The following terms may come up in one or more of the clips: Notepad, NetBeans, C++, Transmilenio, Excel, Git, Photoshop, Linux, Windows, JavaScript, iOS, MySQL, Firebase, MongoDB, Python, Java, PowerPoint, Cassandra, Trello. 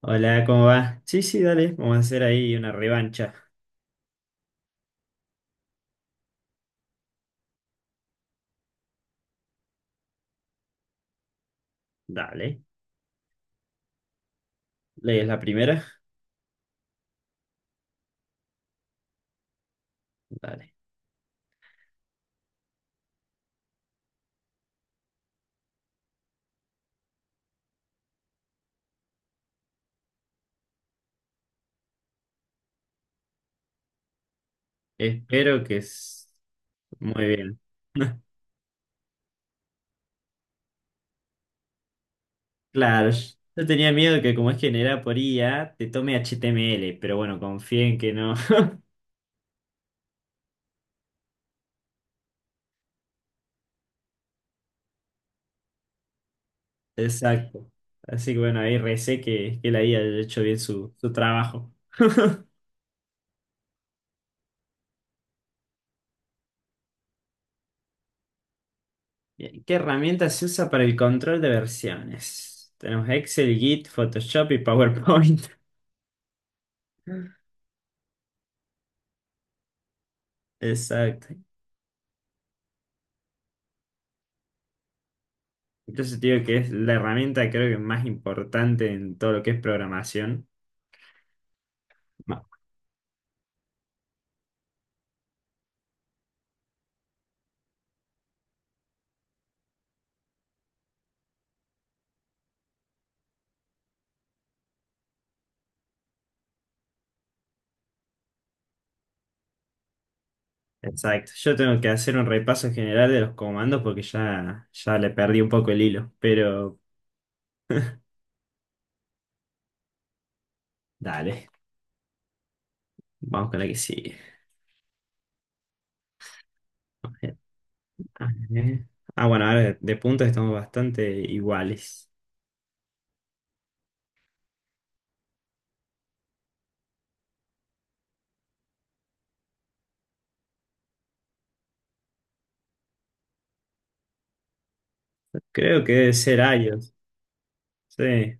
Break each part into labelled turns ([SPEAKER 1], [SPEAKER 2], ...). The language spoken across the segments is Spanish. [SPEAKER 1] Hola, ¿cómo va? Sí, sí, dale, vamos a hacer ahí una revancha. Dale. ¿Lees la primera? Dale. Espero que es muy bien. Claro, yo tenía miedo que como es generada por IA, te tome HTML, pero bueno, confío en que no. Exacto. Así que bueno, ahí recé que la IA haya hecho bien su trabajo. Bien, ¿qué herramienta se usa para el control de versiones? Tenemos Excel, Git, Photoshop y PowerPoint. Exacto. Entonces te digo que es la herramienta creo que más importante en todo lo que es programación. Ma- Exacto. Yo tengo que hacer un repaso general de los comandos porque ya le perdí un poco el hilo. Pero dale, vamos con la que sigue. A ver. Ah, bueno, ahora de puntos estamos bastante iguales. Creo que debe ser iOS. Sí.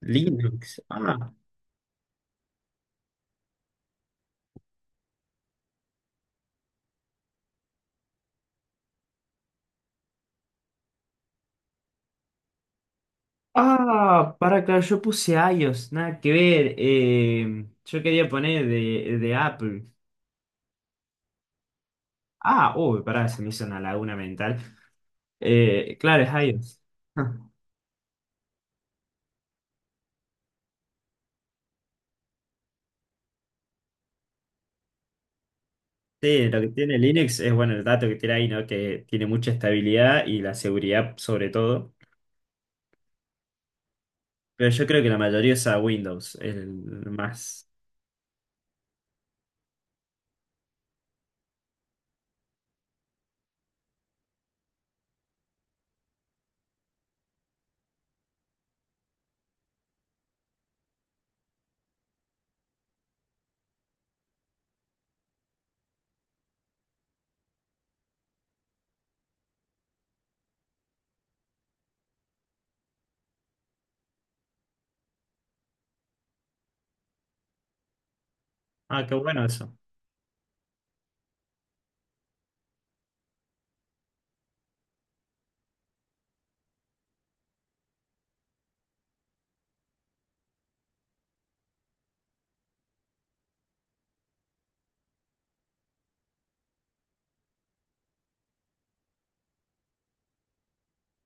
[SPEAKER 1] Linux. Ah. Ah, para que yo puse iOS, nada que ver. Yo quería poner de Apple. Ah, uy, pará, se me hizo una laguna mental. Claro, es iOS. Sí, lo que tiene Linux es, bueno, el dato que tiene ahí, ¿no? Que tiene mucha estabilidad y la seguridad sobre todo. Pero yo creo que la mayoría usa Windows, el más. Ah, qué bueno eso.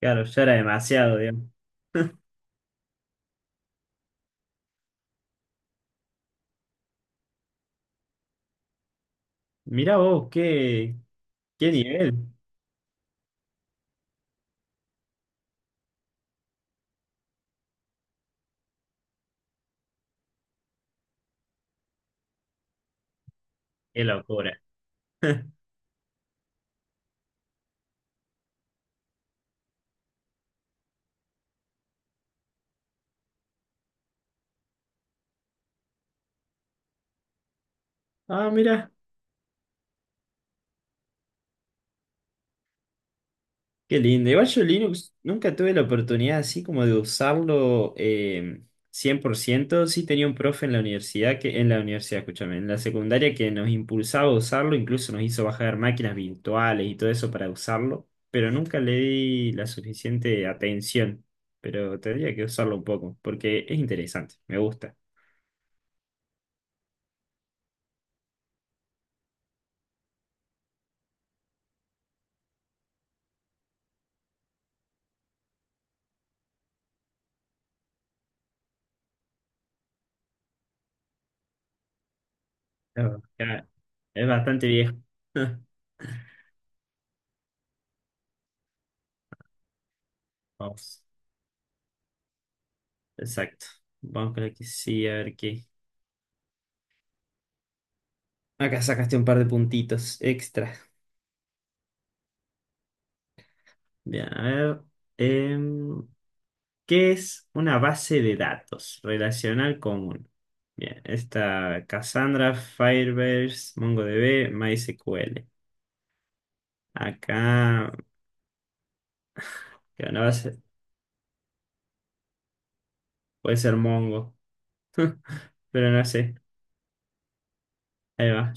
[SPEAKER 1] Claro, ya era demasiado, digamos. Mirá vos, qué, qué nivel. Qué locura. Ah, mirá. Qué lindo. Igual yo Linux nunca tuve la oportunidad así como de usarlo 100%. Sí tenía un profe en la universidad, que, en la universidad, escúchame, en la secundaria que nos impulsaba a usarlo, incluso nos hizo bajar máquinas virtuales y todo eso para usarlo, pero nunca le di la suficiente atención. Pero tendría que usarlo un poco, porque es interesante, me gusta. Claro. Ya, es bastante viejo. Vamos. Exacto. Vamos con la que sí, a ver qué. Acá sacaste un par de puntitos extra. Bien, a ver. em, ¿Qué es una base de datos relacional común? Bien, está Cassandra, Firebase, MongoDB, MySQL. Acá, que una base, puede ser Mongo, pero no sé. Ahí va.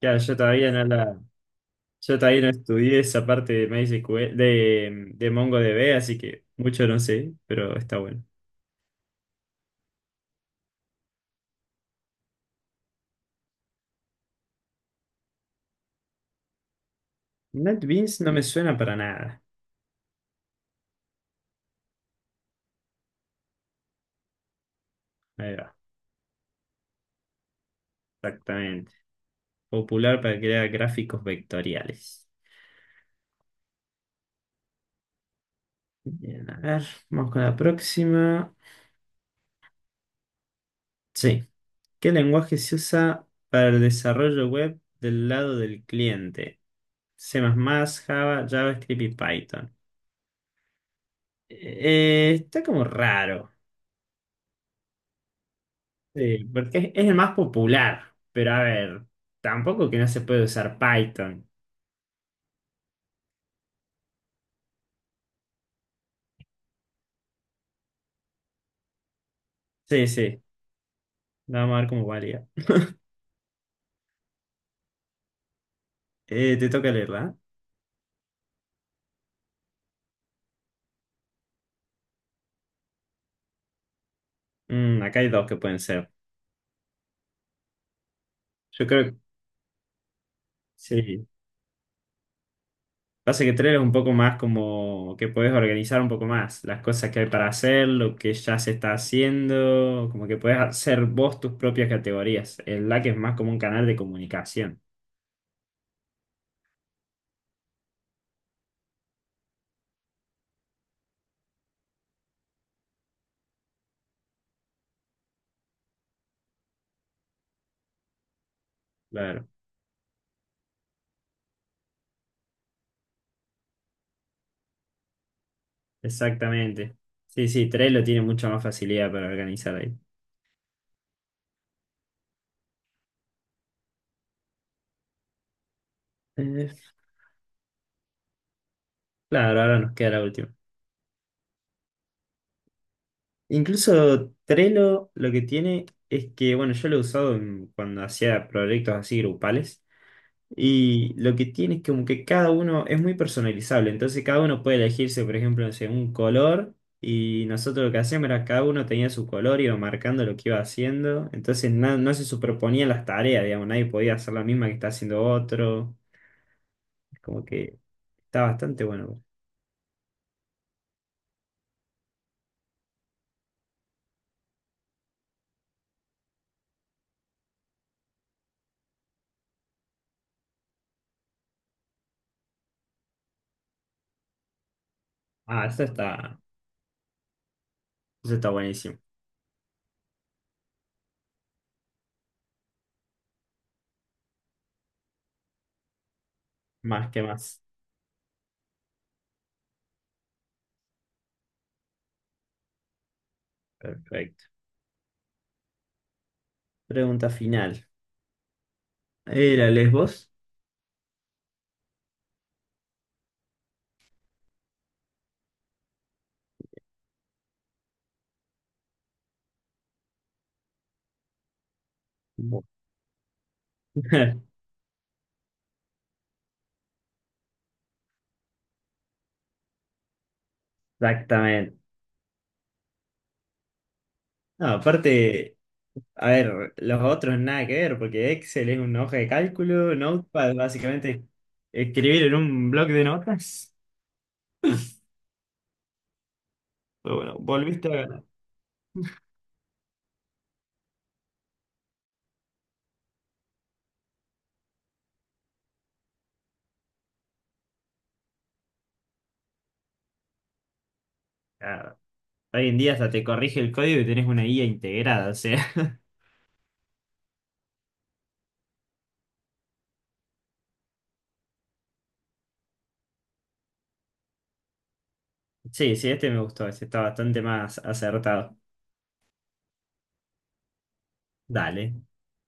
[SPEAKER 1] Claro, yo todavía no la, yo todavía no estudié esa parte de MySQL, de MongoDB, así que mucho no sé, pero está bueno. NetBeans no me suena para nada. Ahí va, exactamente. Popular para crear gráficos vectoriales. Bien, a ver, vamos con la próxima. Sí. ¿Qué lenguaje se usa para el desarrollo web del lado del cliente? C++, Java, JavaScript y Python. Eh, está como raro. Sí, porque es el más popular, pero a ver, tampoco que no se puede usar Python. Sí, sí, vamos a ver cómo valía. Te toca leerla. ¿Eh? Mm, acá hay dos que pueden ser. Yo creo que sí. Pasa que tres es un poco más como que puedes organizar un poco más las cosas que hay para hacer, lo que ya se está haciendo, como que puedes hacer vos tus propias categorías. El LAC es más como un canal de comunicación. Claro, exactamente. Sí, sí, Trello tiene mucha más facilidad para organizar ahí. Eh, claro, ahora nos queda la última. Incluso Trello lo que tiene es que, bueno, yo lo he usado en- cuando hacía proyectos así grupales. Y lo que tiene es como que cada uno es muy personalizable, entonces cada uno puede elegirse, por ejemplo, no sé, un color, y nosotros lo que hacíamos era cada uno tenía su color, iba marcando lo que iba haciendo, entonces na- no se superponían las tareas, digamos, nadie podía hacer la misma que está haciendo otro, como que está bastante bueno. Ah, eso está buenísimo, más que más. Perfecto. Pregunta final. ¿Era Lesbos? Bu- Exactamente. No, aparte... A ver, los otros nada que ver, porque Excel es una hoja de cálculo, Notepad básicamente escribir en un bloc de notas. Pero bueno, volviste a ganar. Ah, hoy en día hasta te corrige el código y tenés una guía integrada, o sea. Sí, sí, este me gustó, este está bastante más acertado. Dale.